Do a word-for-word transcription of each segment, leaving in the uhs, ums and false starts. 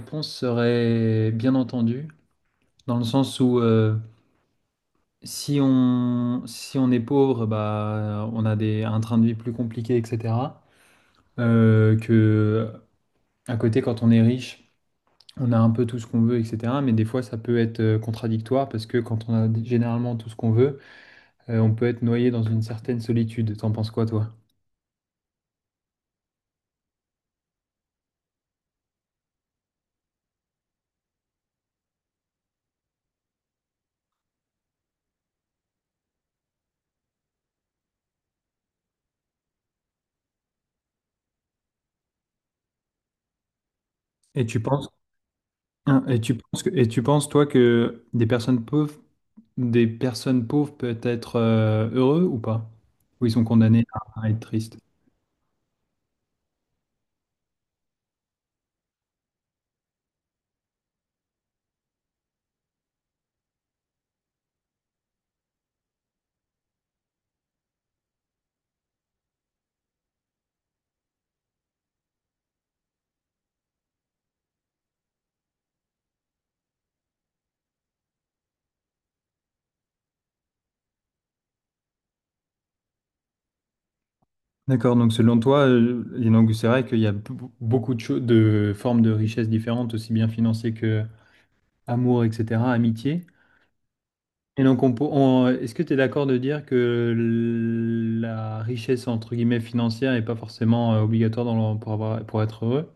Réponse serait bien entendu, dans le sens où euh, si on, si on est pauvre, bah, on a des, un train de vie plus compliqué, et cetera. Euh, que à côté, quand on est riche, on a un peu tout ce qu'on veut, et cetera. Mais des fois, ça peut être euh, contradictoire parce que quand on a généralement tout ce qu'on veut, euh, on peut être noyé dans une certaine solitude. T'en penses quoi, toi? Et tu penses, hein, et tu penses que- et tu penses, toi, que des personnes pauvres des personnes pauvres peuvent être euh, heureux ou pas? Ou ils sont condamnés à, à être tristes? D'accord, donc selon toi, euh, et donc c'est vrai qu'il y a b- beaucoup de, cho- de formes de richesse différentes, aussi bien financières que amour, et cetera, amitié. Et donc, on, peut- on- est-ce que tu es d'accord de dire que l- la richesse, entre guillemets, financière n'est pas forcément euh, obligatoire dans le- pour avoir, pour être heureux?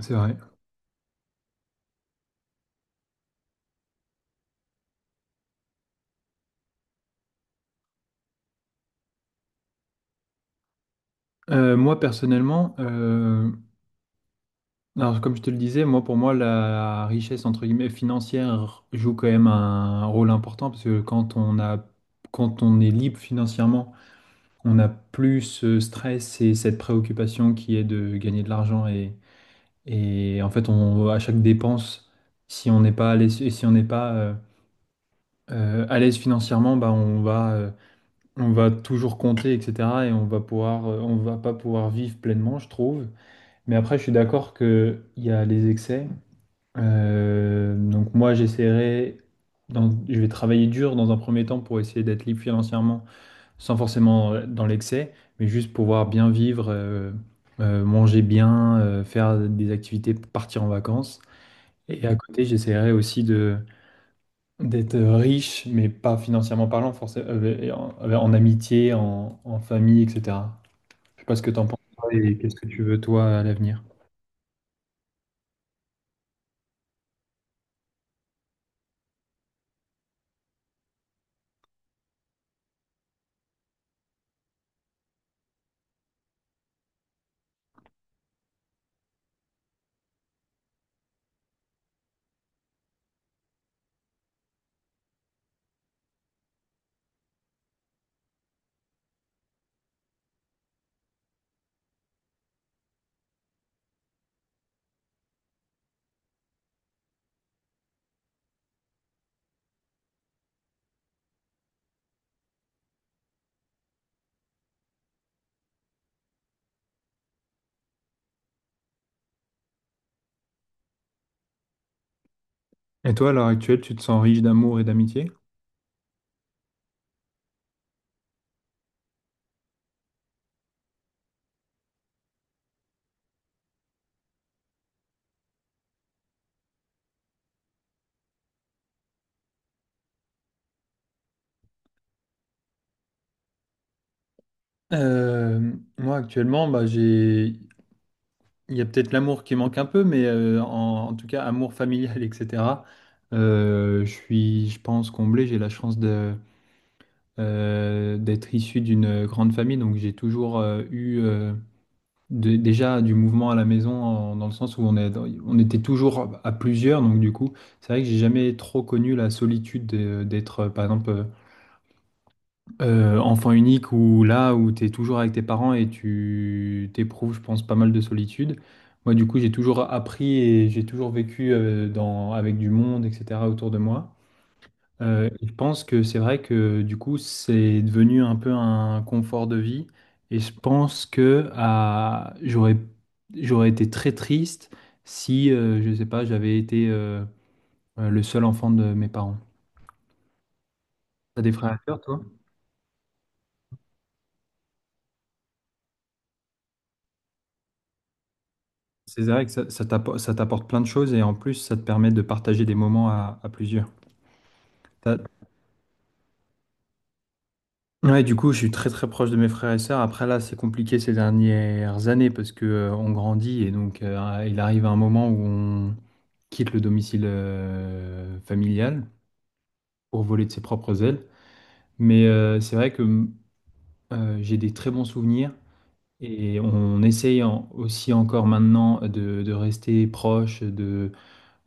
C'est vrai. Euh, moi, personnellement, alors, comme je te le disais, moi, pour moi, la richesse, entre guillemets, financière joue quand même un rôle important parce que quand on a, quand on est libre financièrement, on n'a plus ce stress et cette préoccupation qui est de gagner de l'argent et, et en fait, on, à chaque dépense, si on n'est pas à l'aise, et si on n'est pas euh, euh, à l'aise financièrement, bah, on va, euh, on va toujours compter, et cetera et on va pouvoir, euh, on va pas pouvoir vivre pleinement, je trouve. Mais après, je suis d'accord qu'il y a les excès. Euh, donc moi, j'essaierai, dans- je vais travailler dur dans un premier temps pour essayer d'être libre financièrement, sans forcément euh, dans l'excès, mais juste pouvoir bien vivre, euh, euh, manger bien, euh, faire des activités, partir en vacances. Et à côté, j'essaierai aussi de d'être riche, mais pas financièrement parlant, forcément, euh, en, euh, en amitié, en, en famille, et cetera. Je sais pas ce que t'en penses toi, et qu'est-ce que tu veux toi à l'avenir. Et toi, à l'heure actuelle, tu te sens riche d'amour et d'amitié? Euh, Moi actuellement, bah, j'ai... il y a peut-être l'amour qui manque un peu, mais euh, en, en tout cas, amour familial, et cetera euh, Je suis, je pense, comblé. J'ai la chance de, euh, d'être issu d'une grande famille, donc j'ai toujours euh, eu euh, de- déjà du mouvement à la maison, en- dans le sens où on est, on était toujours à plusieurs, donc du coup, c'est vrai que j'ai jamais trop connu la solitude de- d'être, euh, par exemple. Euh, Euh, enfant unique ou là où tu es toujours avec tes parents et tu t'éprouves, je pense, pas mal de solitude. Moi, du coup, j'ai toujours appris et j'ai toujours vécu euh, dans, avec du monde, et cetera, autour de moi. Euh, et je pense que c'est vrai que du coup, c'est devenu un peu un confort de vie. Et je pense que à- j'aurais, j'aurais été très triste si, euh, je sais pas, j'avais été euh, euh, le seul enfant de mes parents. T'as des frères et sœurs, toi? C'est vrai que ça, ça t'appo- ça t'apporte plein de choses et en plus, ça te permet de partager des moments à, à plusieurs. T'as- Ouais, du coup, je suis très très proche de mes frères et sœurs. Après, là, c'est compliqué ces dernières années parce que euh, on grandit et donc euh, il arrive un moment où on quitte le domicile euh, familial pour voler de ses propres ailes. Mais euh, c'est vrai que euh, j'ai des très bons souvenirs et on essaye en- aussi encore maintenant de, de rester proche,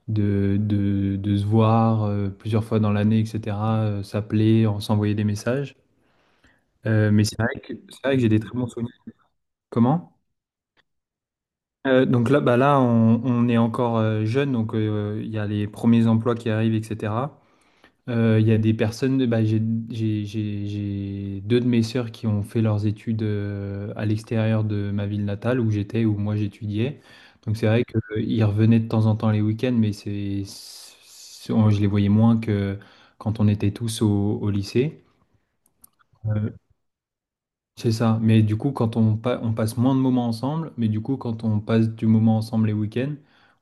de, de, de se voir euh, plusieurs fois dans l'année, et cetera, euh, s'appeler, en s'envoyer des messages. Euh, mais c'est vrai que, c'est vrai que j'ai des très bons souvenirs. Comment? Euh, donc là, bah là on, on est encore euh, jeune, donc euh, il y a les premiers emplois qui arrivent, et cetera. Euh, Il y a des personnes, bah, j'ai j'ai- j'ai- j'ai deux de mes sœurs qui ont fait leurs études euh, à l'extérieur de ma ville natale où j'étais, où moi j'étudiais. Donc c'est vrai qu'ils revenaient de temps en temps les week-ends, mais c'est, c'est- on- je les voyais moins que quand on était tous au, au lycée. Euh, c'est ça. Mais du coup, quand on, pa- on passe moins de moments ensemble, mais du coup, quand on passe du moment ensemble les week-ends,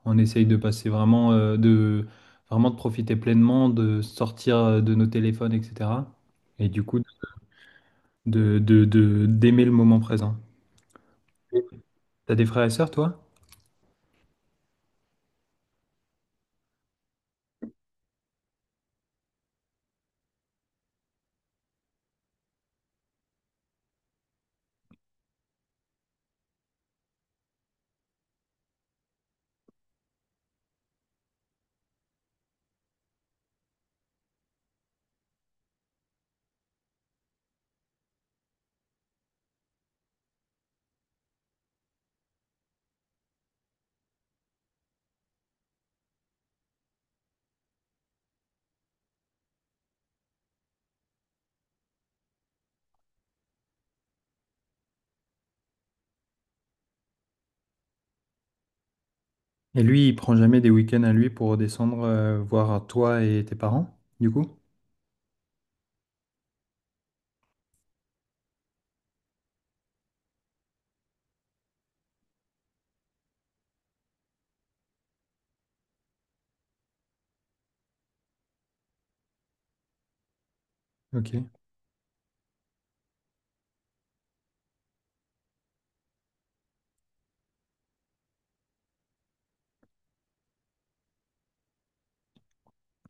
on essaye de passer vraiment, euh, de, vraiment de profiter pleinement, de sortir euh, de nos téléphones, et cetera. Et du coup, de, de, de- d'aimer le moment présent. T'as des frères et sœurs, toi? Et lui, il prend jamais des week-ends à lui pour redescendre euh, voir toi et tes parents, du coup? Ok.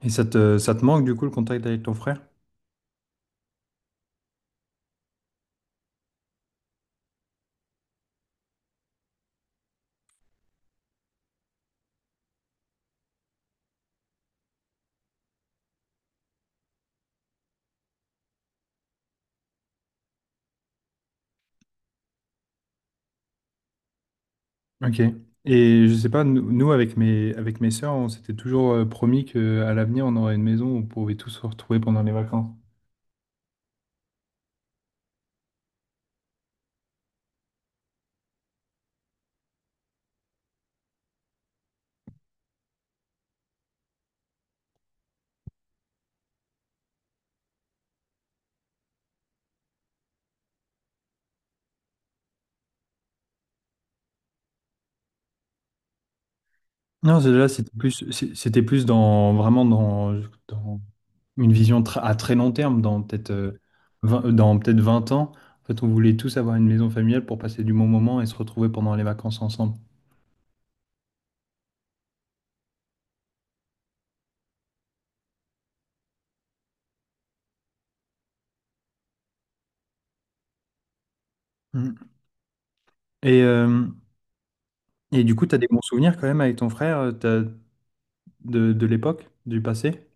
Et ça te, ça te manque, du coup, le contact avec ton frère? Ok. Et je sais pas, nous, nous, avec mes, avec mes sœurs, on s'était toujours euh, promis qu'à l'avenir, on aurait une maison où on pouvait tous se retrouver pendant les vacances. Non, c'est- là, c'était plus, c'est- c'était plus dans, vraiment dans, dans une vision tr- à très long terme, dans peut-être euh, vingt, dans peut-être vingt ans. En fait, on voulait tous avoir une maison familiale pour passer du bon moment et se retrouver pendant les vacances ensemble. Mm. Et, euh, et du coup, tu as des bons souvenirs quand même avec ton frère euh, t'as- de, de l'époque, du passé?